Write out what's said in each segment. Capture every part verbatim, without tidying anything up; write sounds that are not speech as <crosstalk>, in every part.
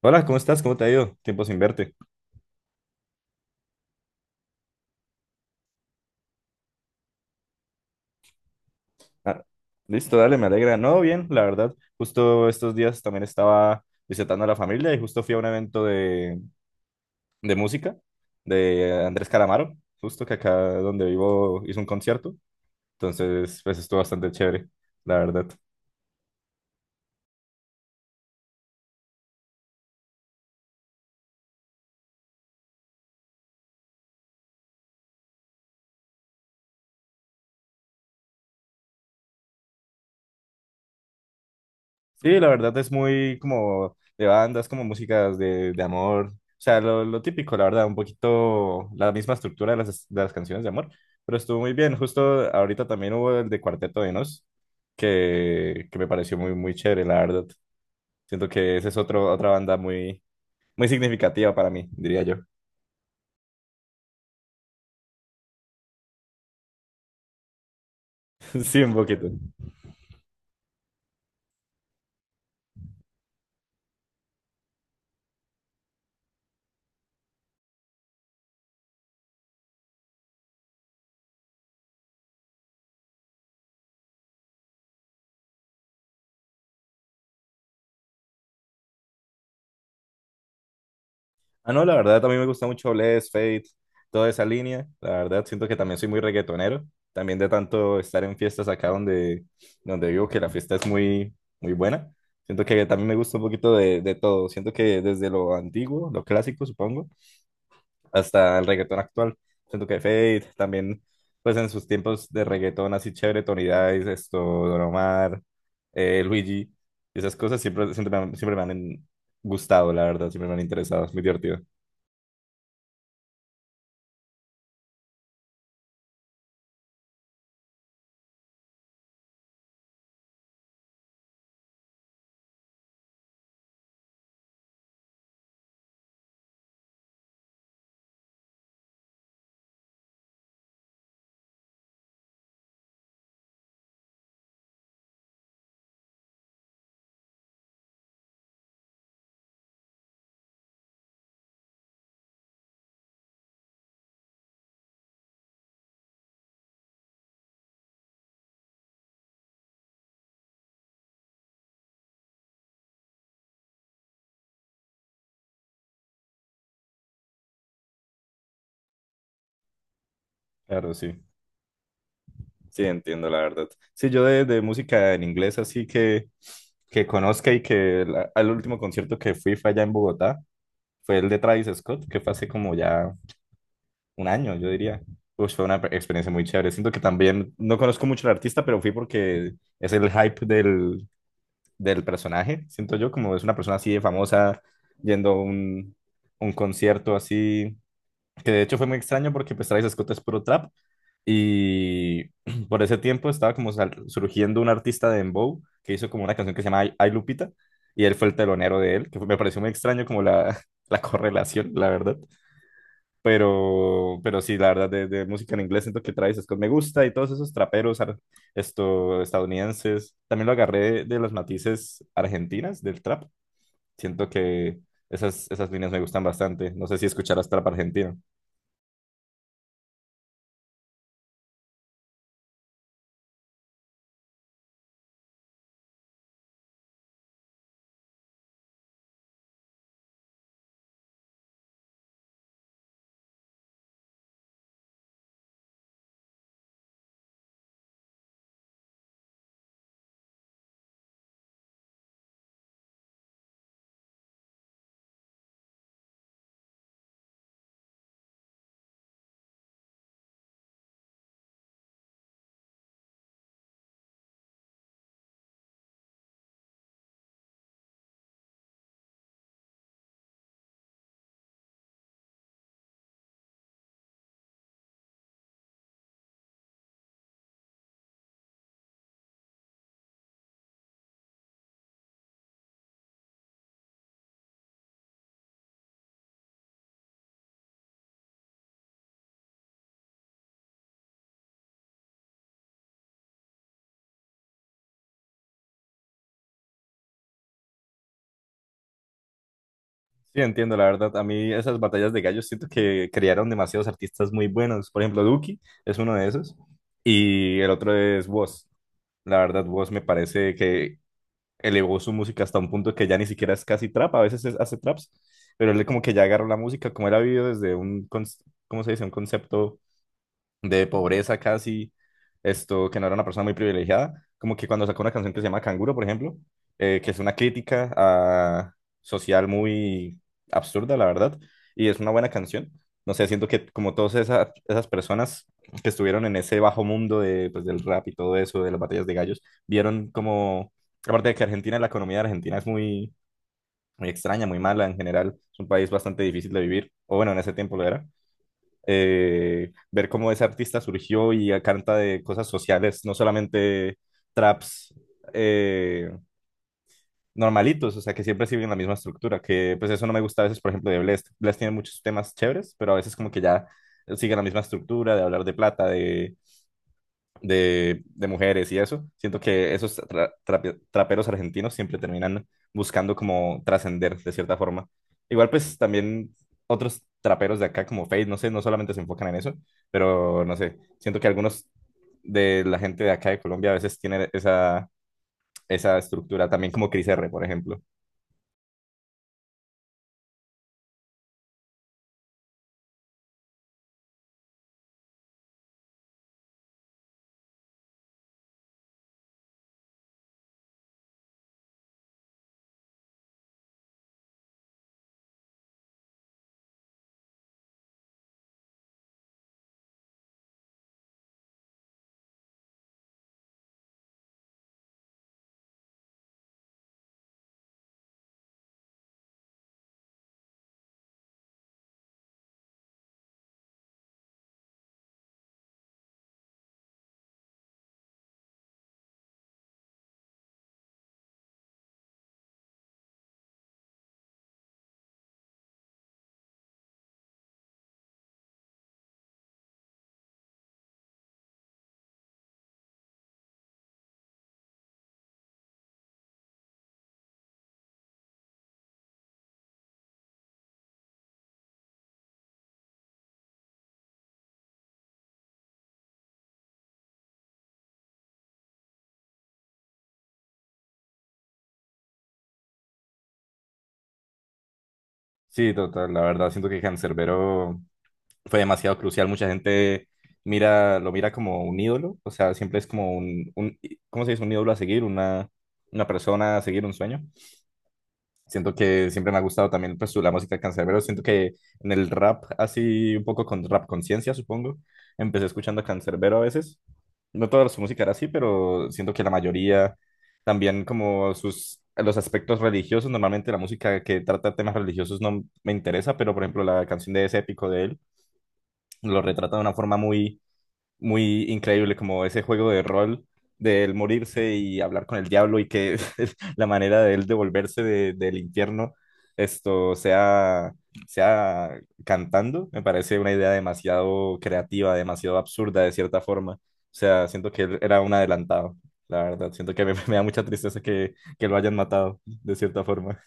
Hola, ¿cómo estás? ¿Cómo te ha ido? Tiempo sin verte. Ah, listo, dale, me alegra. No, bien, la verdad. Justo estos días también estaba visitando a la familia y justo fui a un evento de, de música de Andrés Calamaro, justo que acá donde vivo hizo un concierto. Entonces, pues estuvo bastante chévere, la verdad. Sí, la verdad es muy como de bandas, como músicas de, de amor. O sea, lo, lo típico, la verdad, un poquito la misma estructura de las, de las canciones de amor. Pero estuvo muy bien. Justo ahorita también hubo el de Cuarteto de Nos, que, que me pareció muy, muy chévere, la verdad. Siento que esa es otro, otra banda muy, muy significativa para mí, diría yo. <laughs> Sí, un poquito. Ah, no, la verdad, también me gusta mucho Bless, Fate, toda esa línea. La verdad, siento que también soy muy reggaetonero. También de tanto estar en fiestas acá donde, donde vivo, que la fiesta es muy, muy buena. Siento que también me gusta un poquito de, de todo. Siento que desde lo antiguo, lo clásico, supongo, hasta el reggaetón actual. Siento que Fate también, pues en sus tiempos de reggaetón así chévere, Tony Dice, esto, Don Omar, eh, Luigi, esas cosas siempre, siempre, me han- siempre me han gustado, la verdad, siempre me han interesado. Es muy divertido. Claro, sí, sí, entiendo la verdad. Sí, yo de, de música en inglés así que, que conozca y que la- al último concierto que fui fue allá en Bogotá, fue el de Travis Scott, que fue hace como ya un año, yo diría. Pues fue una pe- experiencia muy chévere. Siento que también no conozco mucho al artista, pero fui porque es el hype del, del personaje. Siento yo como es una persona así de famosa yendo a un, un concierto así, que de hecho fue muy extraño porque pues Travis Scott es puro trap y <clears throat> por ese tiempo estaba como sal- surgiendo un artista de Dembow que hizo como una canción que se llama Ay Ay, Lupita, y él fue el telonero de él, que fue- me pareció muy extraño como la, <laughs> la correlación, la verdad. Pero, pero sí, la verdad, de, de música en inglés siento que Travis Scott me gusta y todos esos traperos ar- esto, estadounidenses. También lo agarré de los matices argentinas del trap. Siento que esas, esas líneas me gustan bastante. No sé si escucharás trap argentino. Sí, entiendo, la verdad. A mí esas batallas de gallos siento que crearon demasiados artistas muy buenos. Por ejemplo, Duki es uno de esos. Y el otro es Wos. La verdad, Wos me parece que elevó su música hasta un punto que ya ni siquiera es casi trap. A veces es- hace traps. Pero él como que ya agarró la música, como él ha vivido desde un, cons- ¿cómo se dice? Un concepto de pobreza casi, esto, que no era una persona muy privilegiada, como que cuando sacó una canción que se llama Canguro, por ejemplo, eh, que es una crítica a- social muy absurda, la verdad, y es una buena canción. No sé, siento que como todas esas, esas personas que estuvieron en ese bajo mundo de, pues, del rap y todo eso, de las batallas de gallos, vieron como, aparte de que Argentina, la economía de Argentina es muy, muy extraña, muy mala en general, es un país bastante difícil de vivir, o bueno, en ese tiempo lo era. Eh, ver cómo ese artista surgió y canta de cosas sociales, no solamente traps eh, normalitos, o sea, que siempre siguen la misma estructura, que pues eso no me gusta a veces, por ejemplo, de Blest. Blest tiene muchos temas chéveres, pero a veces como que ya sigue la misma estructura de hablar de plata, de de, de mujeres y eso. Siento que esos tra- trape- traperos argentinos siempre terminan buscando como trascender de cierta forma. Igual pues también otros traperos de acá como Fade, no sé, no solamente se enfocan en eso, pero no sé, siento que algunos de la gente de acá de Colombia a veces tienen esa, esa estructura, también como Cris R, por ejemplo. Sí, total, la verdad, siento que Cancerbero fue demasiado crucial. Mucha gente mira, lo mira como un ídolo, o sea, siempre es como un, un- ¿cómo se dice? Un ídolo a seguir, una, una persona a seguir, un sueño. Siento que siempre me ha gustado también pues, su- la música de Canserbero. Siento que en el rap, así un poco con rap conciencia, supongo, empecé escuchando a Canserbero a veces. No toda su música era así, pero siento que la mayoría, también como sus... Los aspectos religiosos, normalmente la música que trata temas religiosos no me interesa, pero por ejemplo la canción de ese épico de él, lo retrata de una forma muy, muy increíble, como ese juego de rol de él morirse y hablar con el diablo y que <laughs> la manera de él devolverse de- del infierno esto sea, sea cantando, me parece una idea demasiado creativa, demasiado absurda de cierta forma. O sea, siento que él era un adelantado, la verdad. Siento que me, <laughs> me da mucha tristeza que, que lo hayan matado de cierta forma.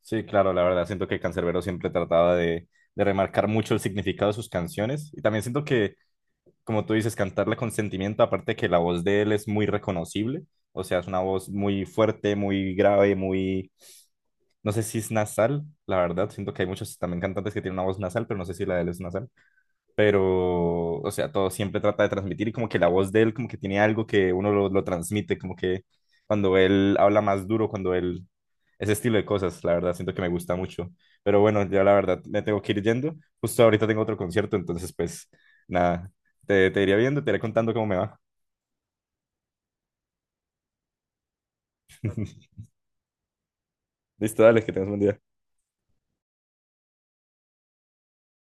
Sí, claro, la verdad, siento que Canserbero siempre trataba de, de remarcar mucho el significado de sus canciones y también siento que, como tú dices, cantarla con sentimiento, aparte que la voz de él es muy reconocible, o sea, es una voz muy fuerte, muy grave, muy, no sé si es nasal, la verdad, siento que hay muchos también cantantes que tienen una voz nasal, pero no sé si la de él es nasal, pero, o sea, todo siempre trata de transmitir y como que la voz de él como que tiene algo que uno lo, lo transmite, como que cuando él habla más duro, cuando él, ese estilo de cosas, la verdad, siento que me gusta mucho. Pero bueno, ya la verdad, me tengo que ir yendo. Justo ahorita tengo otro concierto, entonces pues nada, te, te iré viendo, te iré contando cómo me va. <laughs> Listo, dale, que tengas un buen día.